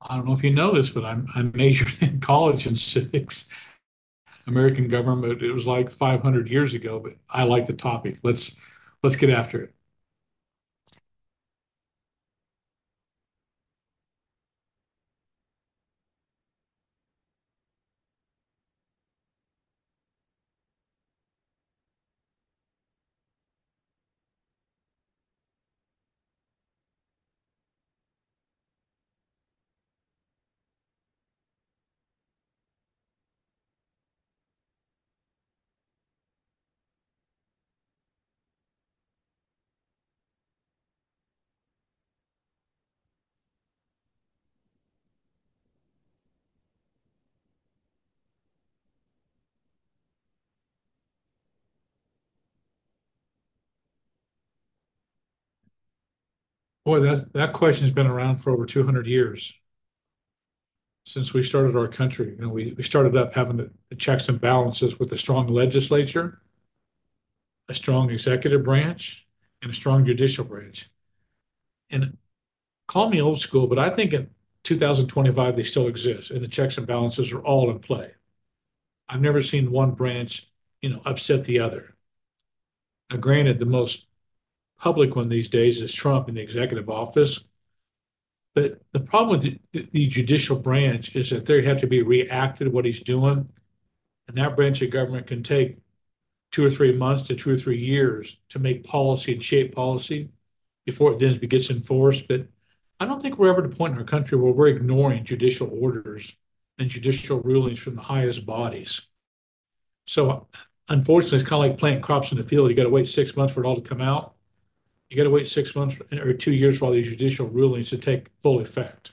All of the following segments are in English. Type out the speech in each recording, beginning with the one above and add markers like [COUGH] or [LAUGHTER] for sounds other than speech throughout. I don't know if you know this, but I majored in college in civics, American government. It was like 500 years ago, but I like the topic. Let's get after it. Boy, that question's been around for over 200 years since we started our country. You know, we started up having the checks and balances with a strong legislature, a strong executive branch, and a strong judicial branch. And call me old school, but I think in 2025 they still exist, and the checks and balances are all in play. I've never seen one branch, you know, upset the other. Now, granted, the most public one these days is Trump in the executive office. But the problem with the judicial branch is that they have to be reacted to what he's doing. And that branch of government can take 2 or 3 months to 2 or 3 years to make policy and shape policy before it then gets enforced. But I don't think we're ever at a point in our country where we're ignoring judicial orders and judicial rulings from the highest bodies. So unfortunately, it's kind of like planting crops in the field. You got to wait 6 months for it all to come out. You got to wait 6 months or 2 years for all these judicial rulings to take full effect.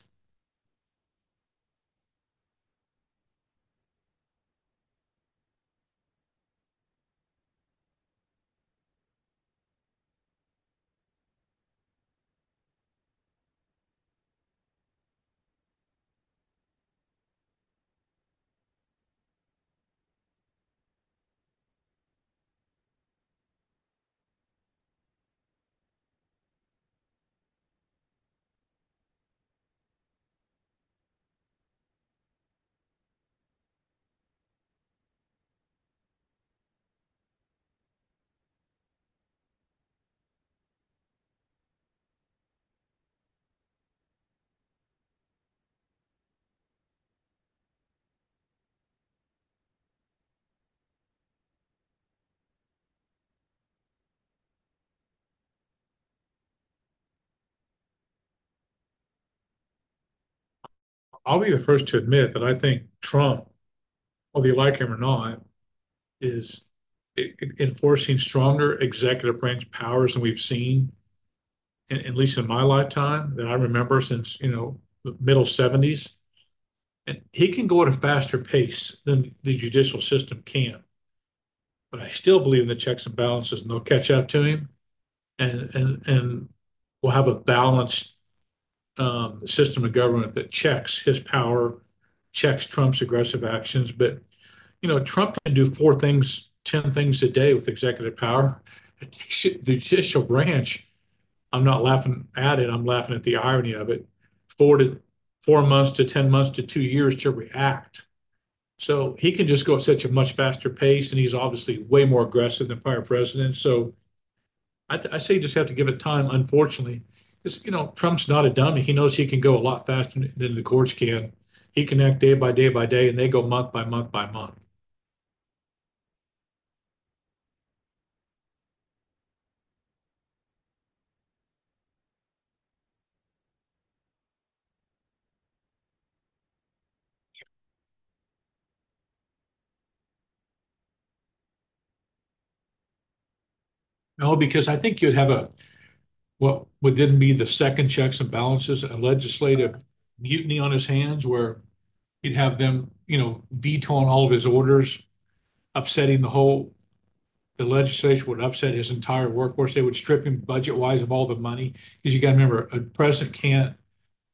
I'll be the first to admit that I think Trump, whether you like him or not, is e- enforcing stronger executive branch powers than we've seen, at least in my lifetime, that I remember since you know the middle '70s. And he can go at a faster pace than the judicial system can. But I still believe in the checks and balances, and they'll catch up to him, and we'll have a balanced system of government that checks his power, checks Trump's aggressive actions. But you know, Trump can do four things, 10 things a day with executive power. The judicial branch. I'm not laughing at it. I'm laughing at the irony of it. Four to four months to 10 months to 2 years to react. So he can just go at such a much faster pace, and he's obviously way more aggressive than prior presidents. So I say you just have to give it time. Unfortunately, it's you know Trump's not a dummy. He knows he can go a lot faster than the courts can. He can act day by day by day, and they go month by month by month. No, because I think you'd have a what would then be the second checks and balances, a legislative mutiny on his hands, where he'd have them you know vetoing all of his orders, upsetting the whole. The legislature would upset his entire workforce. They would strip him budget wise of all the money because you got to remember a president can't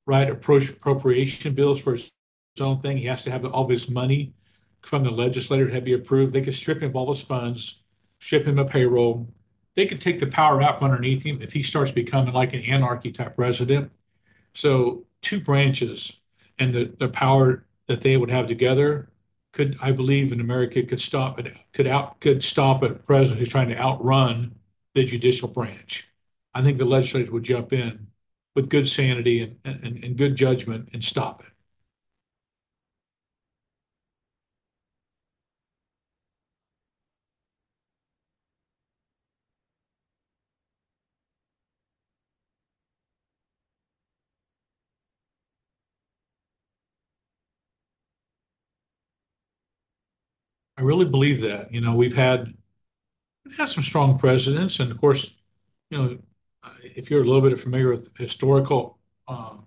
right, approach appropriation bills for his own thing. He has to have all of his money from the legislature to be approved. They could strip him of all his funds, strip him of payroll. They could take the power out from underneath him if he starts becoming like an anarchy type president. So two branches and the power that they would have together could, I believe, in America could stop it could out could stop a president who's trying to outrun the judicial branch. I think the legislature would jump in with good sanity and good judgment and stop it. I really believe that. You know, we've had some strong presidents, and of course, you know, if you're a little bit familiar with historical um,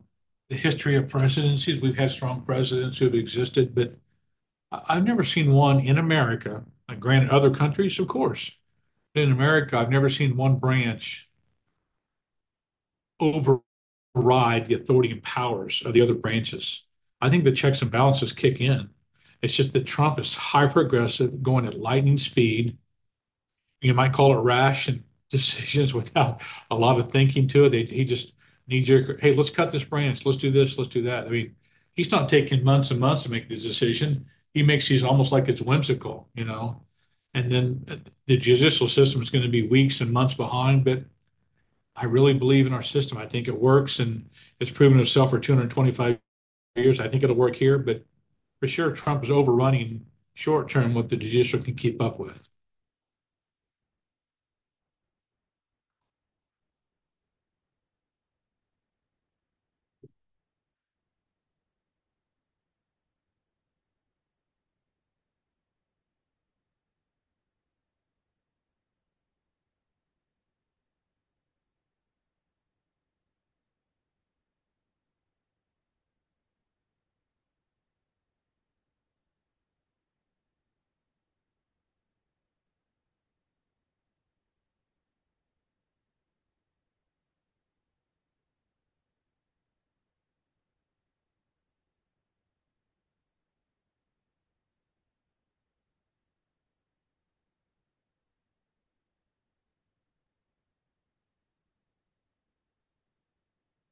the history of presidencies, we've had strong presidents who have existed, but I have never seen one in America. Like, granted, other countries, of course, but in America, I've never seen one branch override the authority and powers of the other branches. I think the checks and balances kick in. It's just that Trump is hyper aggressive, going at lightning speed, you might call it rash and [LAUGHS] decisions without a lot of thinking to it. He just knee jerk, hey, let's cut this branch, let's do this, let's do that. I mean, he's not taking months and months to make this decision. He makes these almost like it's whimsical, you know. And then the judicial system is going to be weeks and months behind, but I really believe in our system. I think it works and it's proven itself for 225 years. I think it'll work here, but for sure, Trump is overrunning short term what the judicial can keep up with.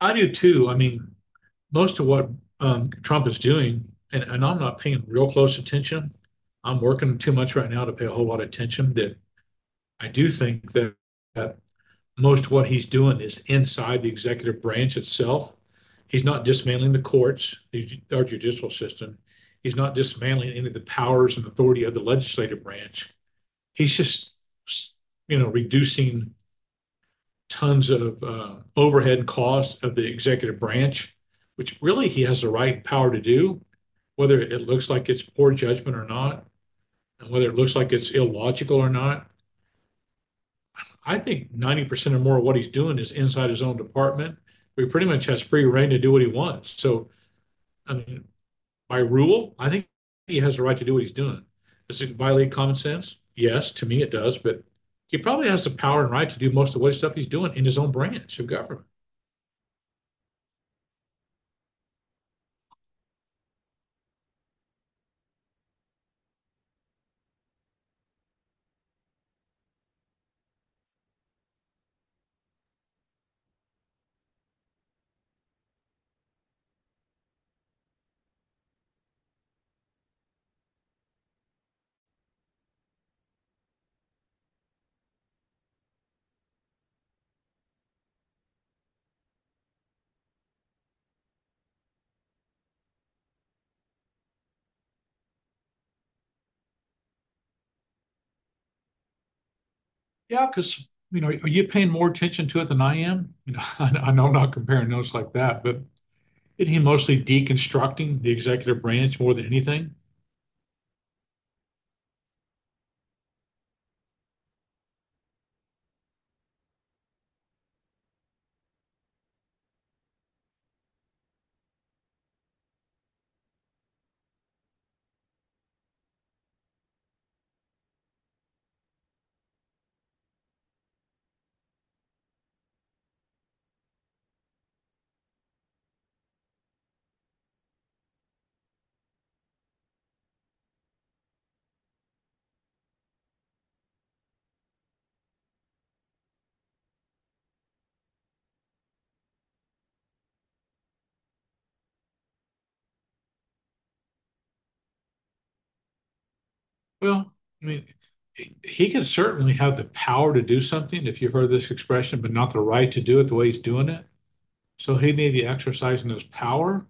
I do too. I mean, most of what Trump is doing, and I'm not paying real close attention. I'm working too much right now to pay a whole lot of attention. That I do think that, that most of what he's doing is inside the executive branch itself. He's not dismantling the courts, our judicial system. He's not dismantling any of the powers and authority of the legislative branch. He's just, you know, reducing tons of overhead costs of the executive branch, which really he has the right and power to do, whether it looks like it's poor judgment or not, and whether it looks like it's illogical or not. I think 90% or more of what he's doing is inside his own department. He pretty much has free reign to do what he wants. So, I mean, by rule, I think he has the right to do what he's doing. Does it violate common sense? Yes, to me it does, but he probably has the power and right to do most of what stuff he's doing in his own branch of government. Yeah, because you know, are you paying more attention to it than I am? You know, [LAUGHS] I know I'm not comparing notes like that, but isn't he mostly deconstructing the executive branch more than anything? Well, I mean, he could certainly have the power to do something, if you've heard this expression, but not the right to do it the way he's doing it. So he may be exercising his power.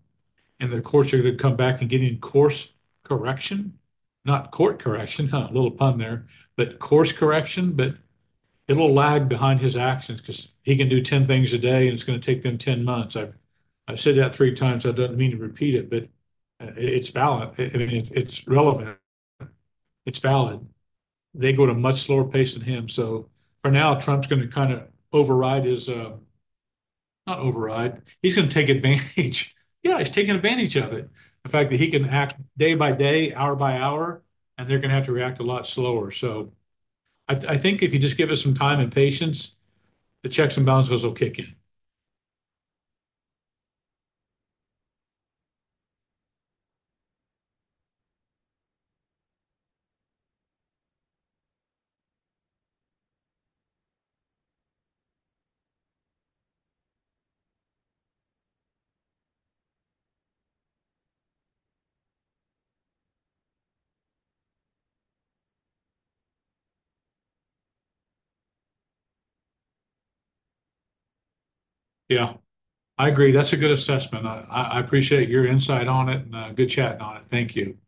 And the courts are gonna come back and get in course correction, not court correction, [LAUGHS] huh, a little pun there, but course correction, but it'll lag behind his actions because he can do 10 things a day and it's gonna take them 10 months. I've said that three times. I don't mean to repeat it, but it's valid. I mean, it's relevant. It's valid. They go at a much slower pace than him. So for now, Trump's gonna kind of override his, not override. He's going to take advantage. [LAUGHS] Yeah, he's taking advantage of it. The fact that he can act day by day, hour by hour, and they're going to have to react a lot slower. So I think if you just give us some time and patience, the checks and balances will kick in. Yeah, I agree. That's a good assessment. I appreciate your insight on it and good chatting on it. Thank you.